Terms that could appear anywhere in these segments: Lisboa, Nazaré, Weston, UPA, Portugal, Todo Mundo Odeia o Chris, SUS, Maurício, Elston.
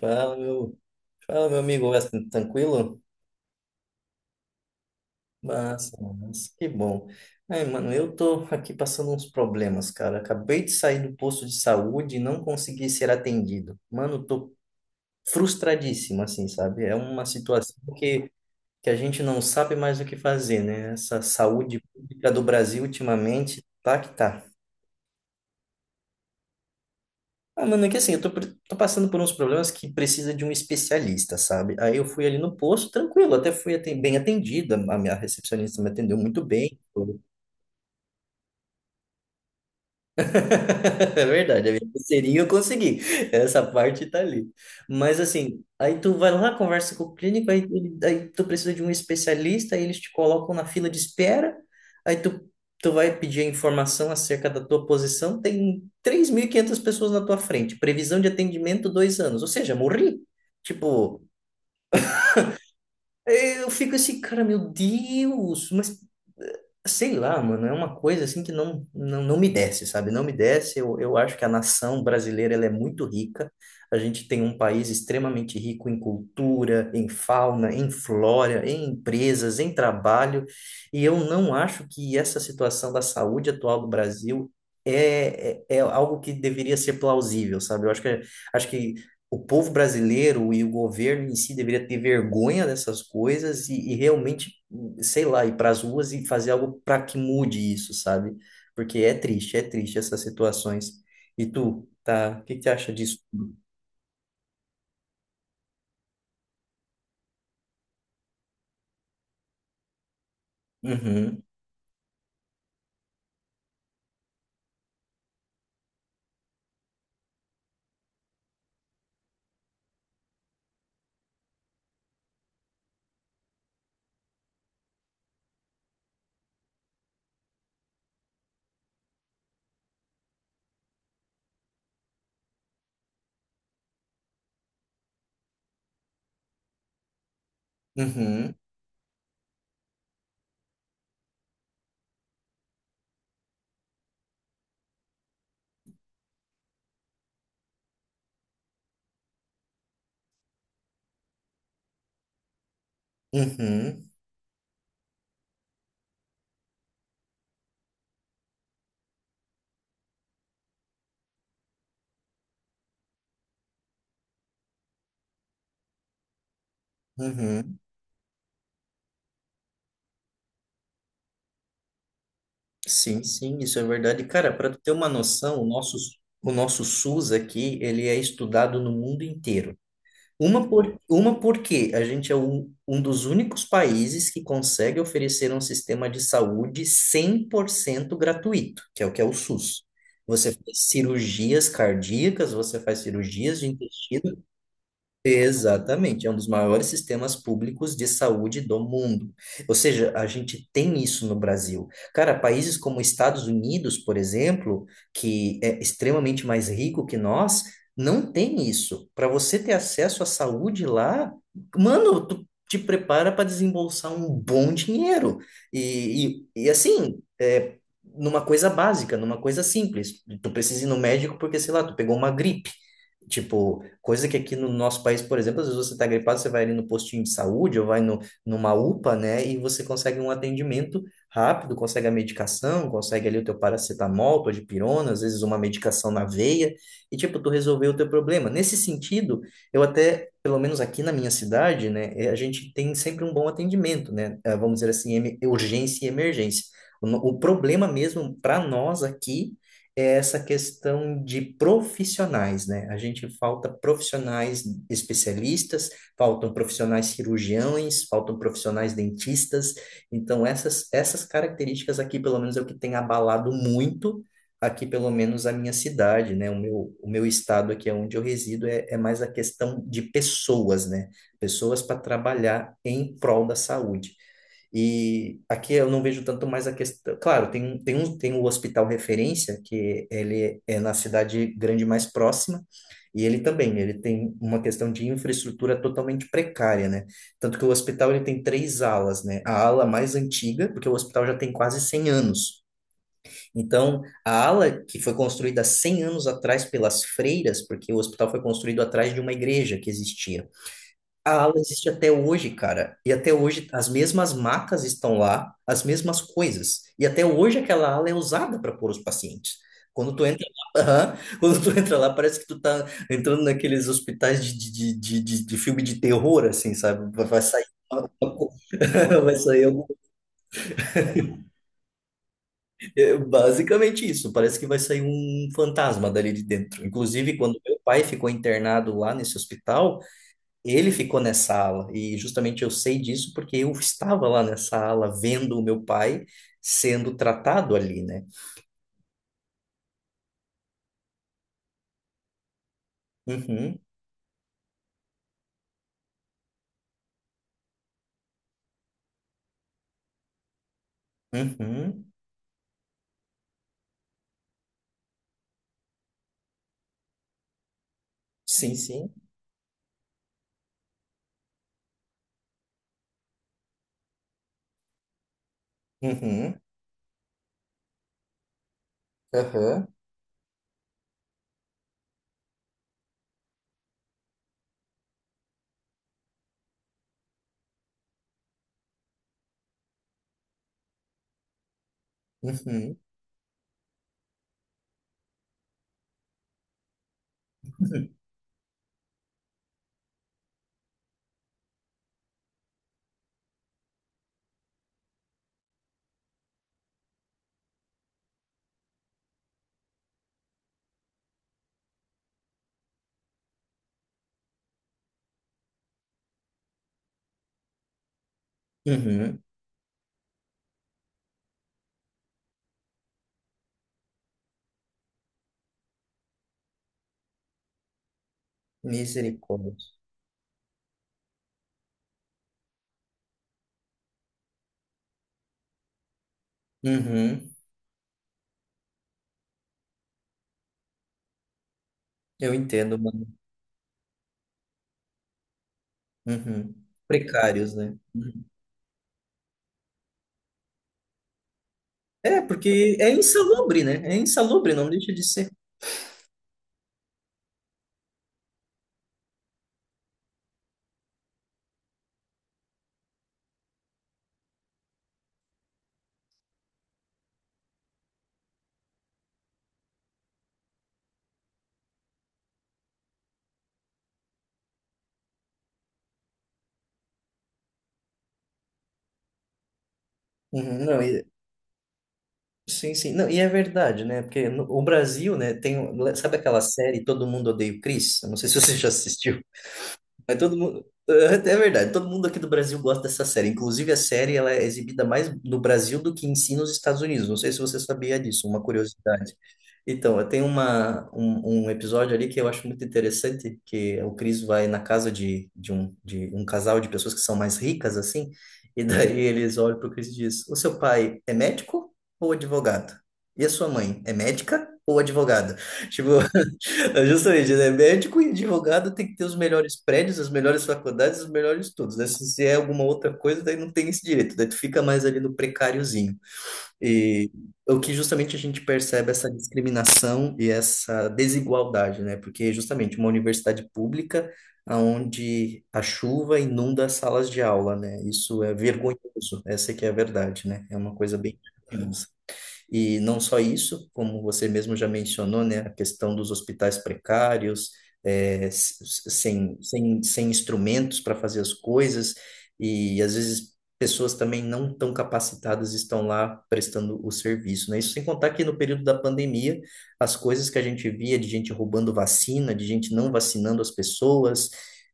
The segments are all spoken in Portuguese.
Fala, meu, Fala, meu amigo Weston, tranquilo? Massa, massa, que bom. Aí, mano, eu tô aqui passando uns problemas, cara. Acabei de sair do posto de saúde e não consegui ser atendido. Mano, tô frustradíssimo, assim, sabe? É uma situação que a gente não sabe mais o que fazer, né? Essa saúde pública do Brasil ultimamente tá que tá. Ah, mano, é que assim, eu tô passando por uns problemas que precisa de um especialista, sabe? Aí eu fui ali no posto, tranquilo, até fui bem atendida, a minha recepcionista me atendeu muito bem. É verdade, a minha pulseirinha eu consegui. Essa parte tá ali. Mas assim, aí tu vai lá, conversa com o clínico, aí tu precisa de um especialista, aí eles te colocam na fila de espera, aí tu vai pedir a informação acerca da tua posição, tem 3.500 pessoas na tua frente, previsão de atendimento 2 anos, ou seja, morri. Tipo, eu fico assim, cara, meu Deus, mas eh, sei lá, mano, é uma coisa assim que não, não, não me desce, sabe? Não me desce. Eu acho que a nação brasileira ela é muito rica. A gente tem um país extremamente rico em cultura, em fauna, em flora, em empresas, em trabalho. E eu não acho que essa situação da saúde atual do Brasil é algo que deveria ser plausível, sabe? Eu acho que o povo brasileiro e o governo em si deveria ter vergonha dessas coisas e realmente, sei lá, ir para as ruas e fazer algo para que mude isso, sabe? Porque é triste essas situações. E tu, tá? O que que tu acha disso? Uhum, uhum, uhum, uhum. Sim, sim, isso é verdade. Cara, para tu ter uma noção, o nosso SUS aqui, ele é estudado no mundo inteiro. Uma porque a gente é um dos únicos países que consegue oferecer um sistema de saúde 100% gratuito, que é o SUS. Você faz cirurgias cardíacas, você faz cirurgias de intestino. Exatamente, é um dos maiores sistemas públicos de saúde do mundo. Ou seja, a gente tem isso no Brasil. Cara, países como Estados Unidos, por exemplo, que é extremamente mais rico que nós, não tem isso. Para você ter acesso à saúde lá, mano, tu te prepara para desembolsar um bom dinheiro. E assim, numa coisa básica, numa coisa simples. Tu precisa ir no médico porque, sei lá, tu pegou uma gripe. Tipo, coisa que aqui no nosso país, por exemplo, às vezes você está gripado, você vai ali no postinho de saúde ou vai no, numa UPA, né? E você consegue um atendimento rápido, consegue a medicação, consegue ali o teu paracetamol, tua dipirona, às vezes uma medicação na veia, e tipo, tu resolveu o teu problema. Nesse sentido, eu até, pelo menos aqui na minha cidade, né, eh, a gente tem sempre um bom atendimento, né? Eh, vamos dizer assim, urgência e emergência. O, no- o problema mesmo para nós aqui é essa questão de profissionais, né? A gente falta profissionais especialistas, faltam profissionais cirurgiões, faltam profissionais dentistas. Então, essas características aqui, pelo menos, é o que tem abalado muito aqui, pelo menos, a minha cidade, né? O meu estado aqui, é onde eu resido, é, é mais a questão de pessoas, né? Pessoas para trabalhar em prol da saúde. E aqui eu não vejo tanto mais a questão. Claro, tem, um tem, um, tem o hospital referência, que ele é na cidade grande mais próxima, e ele também, ele tem uma questão de infraestrutura totalmente precária, né? Tanto que o hospital ele tem três alas, né? A ala mais antiga, porque o hospital já tem quase 100 anos. Então, a ala que foi construída 100 anos atrás pelas freiras, porque o hospital foi construído atrás de uma igreja que existia, a ala existe até hoje, cara. E até hoje as mesmas macas estão lá, as mesmas coisas. E até hoje aquela ala é usada para pôr os pacientes. Quando tu entra lá, aham. Quando tu entra lá, parece que tu tá entrando naqueles hospitais de filme de terror, assim, sabe? Vai sair uma- uma co- Vai sair algum... é basicamente isso. Parece que vai sair um fantasma dali de dentro. Inclusive, quando meu pai ficou internado lá nesse hospital, ele ficou nessa ala, e justamente eu sei disso porque eu estava lá nessa ala vendo o meu pai sendo tratado ali, né? Uhum, uhum, sim, sim, uhum, aham, uhum, uhum, misericórdia. Uhum, eu entendo, mano. Uhum. Precários, né? Uhum. É, porque é insalubre, né? É insalubre, não deixa de ser. Uhum, não, sim, sim. Não, e é verdade, né? Porque no, o Brasil, né, sabe aquela série Todo Mundo Odeia o Chris? Eu não sei se você já assistiu. Mas todo mundo. É verdade, todo mundo aqui do Brasil gosta dessa série. Inclusive, a série ela é exibida mais no Brasil do que em si nos Estados Unidos. Não sei se você sabia disso, uma curiosidade. Então, eu tenho um episódio ali que eu acho muito interessante, que o Chris vai na casa de um casal de pessoas que são mais ricas, assim, e daí eles olham para o Chris e diz, o seu pai é médico ou advogado? E a sua mãe é médica ou advogada? Tipo, é justamente, né? Médico e advogado tem que ter os melhores prédios, as melhores faculdades, os melhores estudos, né? Se é alguma outra coisa, daí não tem esse direito, daí tu fica mais ali no precáriozinho. E o que justamente a gente percebe é essa discriminação e essa desigualdade, né? Porque justamente uma universidade pública onde a chuva inunda as salas de aula, né? Isso é vergonhoso, essa que é a verdade, né? É uma coisa bem. E não só isso, como você mesmo já mencionou, né, a questão dos hospitais precários, é, sem instrumentos para fazer as coisas, e às vezes pessoas também não tão capacitadas estão lá prestando o serviço, né? Isso sem contar que no período da pandemia, as coisas que a gente via de gente roubando vacina, de gente não vacinando as pessoas,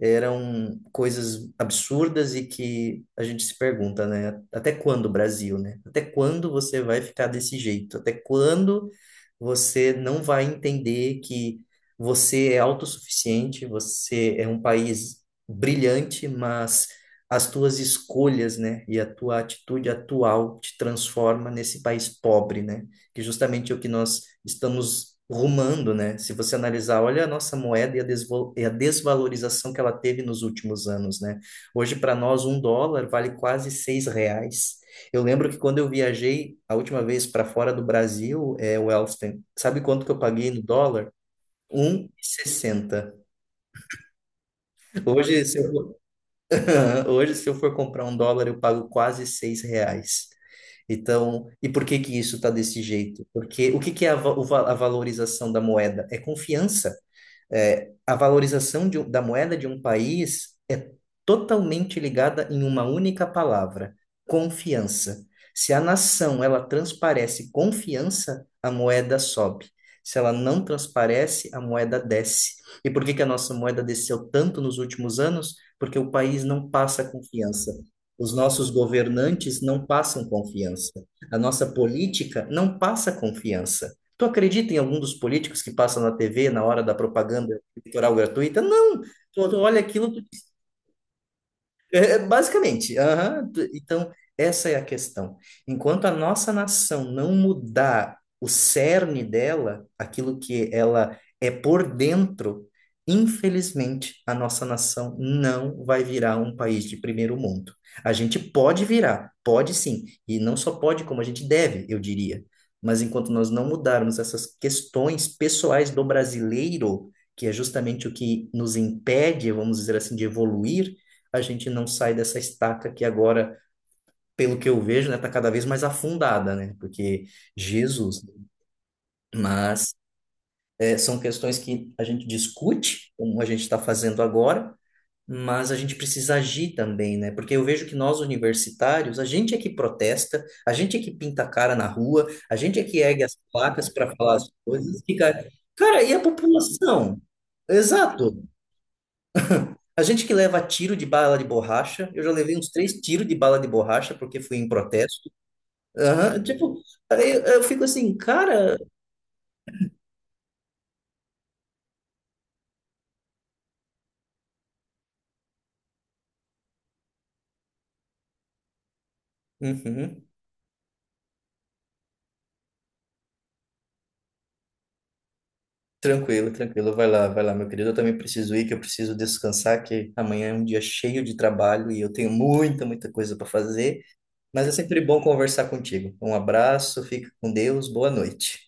eram coisas absurdas e que a gente se pergunta, né? Até quando, Brasil, né? Até quando você vai ficar desse jeito? Até quando você não vai entender que você é autossuficiente, você é um país brilhante, mas as tuas escolhas, né, e a tua atitude atual te transforma nesse país pobre, né? Que justamente é o que nós estamos rumando, né? Se você analisar, olha a nossa moeda e a desvalorização que ela teve nos últimos anos, né? Hoje, para nós, um dólar vale quase R$ 6. Eu lembro que quando eu viajei a última vez para fora do Brasil, é, o Elston, sabe quanto que eu paguei no dólar? 1,60. Hoje, se eu for... hoje, se eu for comprar um dólar, eu pago quase R$ 6. Então, e por que que isso está desse jeito? Porque o que que é a, va- o va- a valorização da moeda? É confiança. É, a valorização da moeda de um país é totalmente ligada em uma única palavra: confiança. Se a nação ela transparece confiança, a moeda sobe. Se ela não transparece, a moeda desce. E por que que a nossa moeda desceu tanto nos últimos anos? Porque o país não passa confiança. Os nossos governantes não passam confiança. A nossa política não passa confiança. Tu acredita em algum dos políticos que passam na TV na hora da propaganda eleitoral gratuita? Não! Tu olha aquilo, tu basicamente, aham. Então, essa é a questão. Enquanto a nossa nação não mudar o cerne dela, aquilo que ela é por dentro, infelizmente, a nossa nação não vai virar um país de primeiro mundo. A gente pode virar, pode sim, e não só pode, como a gente deve, eu diria. Mas enquanto nós não mudarmos essas questões pessoais do brasileiro, que é justamente o que nos impede, vamos dizer assim, de evoluir, a gente não sai dessa estaca que agora, pelo que eu vejo, né, tá cada vez mais afundada, né? Porque Jesus, mas é, são questões que a gente discute, como a gente está fazendo agora, mas a gente precisa agir também, né? Porque eu vejo que nós universitários, a gente é que protesta, a gente é que pinta a cara na rua, a gente é que ergue as placas para falar as coisas, fica, cara, e a população? Exato. A gente que leva tiro de bala de borracha, eu já levei uns três tiros de bala de borracha porque fui em protesto. Aham, tipo, aí eu fico assim, cara. Uhum, tranquilo, tranquilo. Vai lá, meu querido. Eu também preciso ir, que eu preciso descansar, que amanhã é um dia cheio de trabalho e eu tenho muita, muita coisa para fazer. Mas é sempre bom conversar contigo. Um abraço, fica com Deus, boa noite.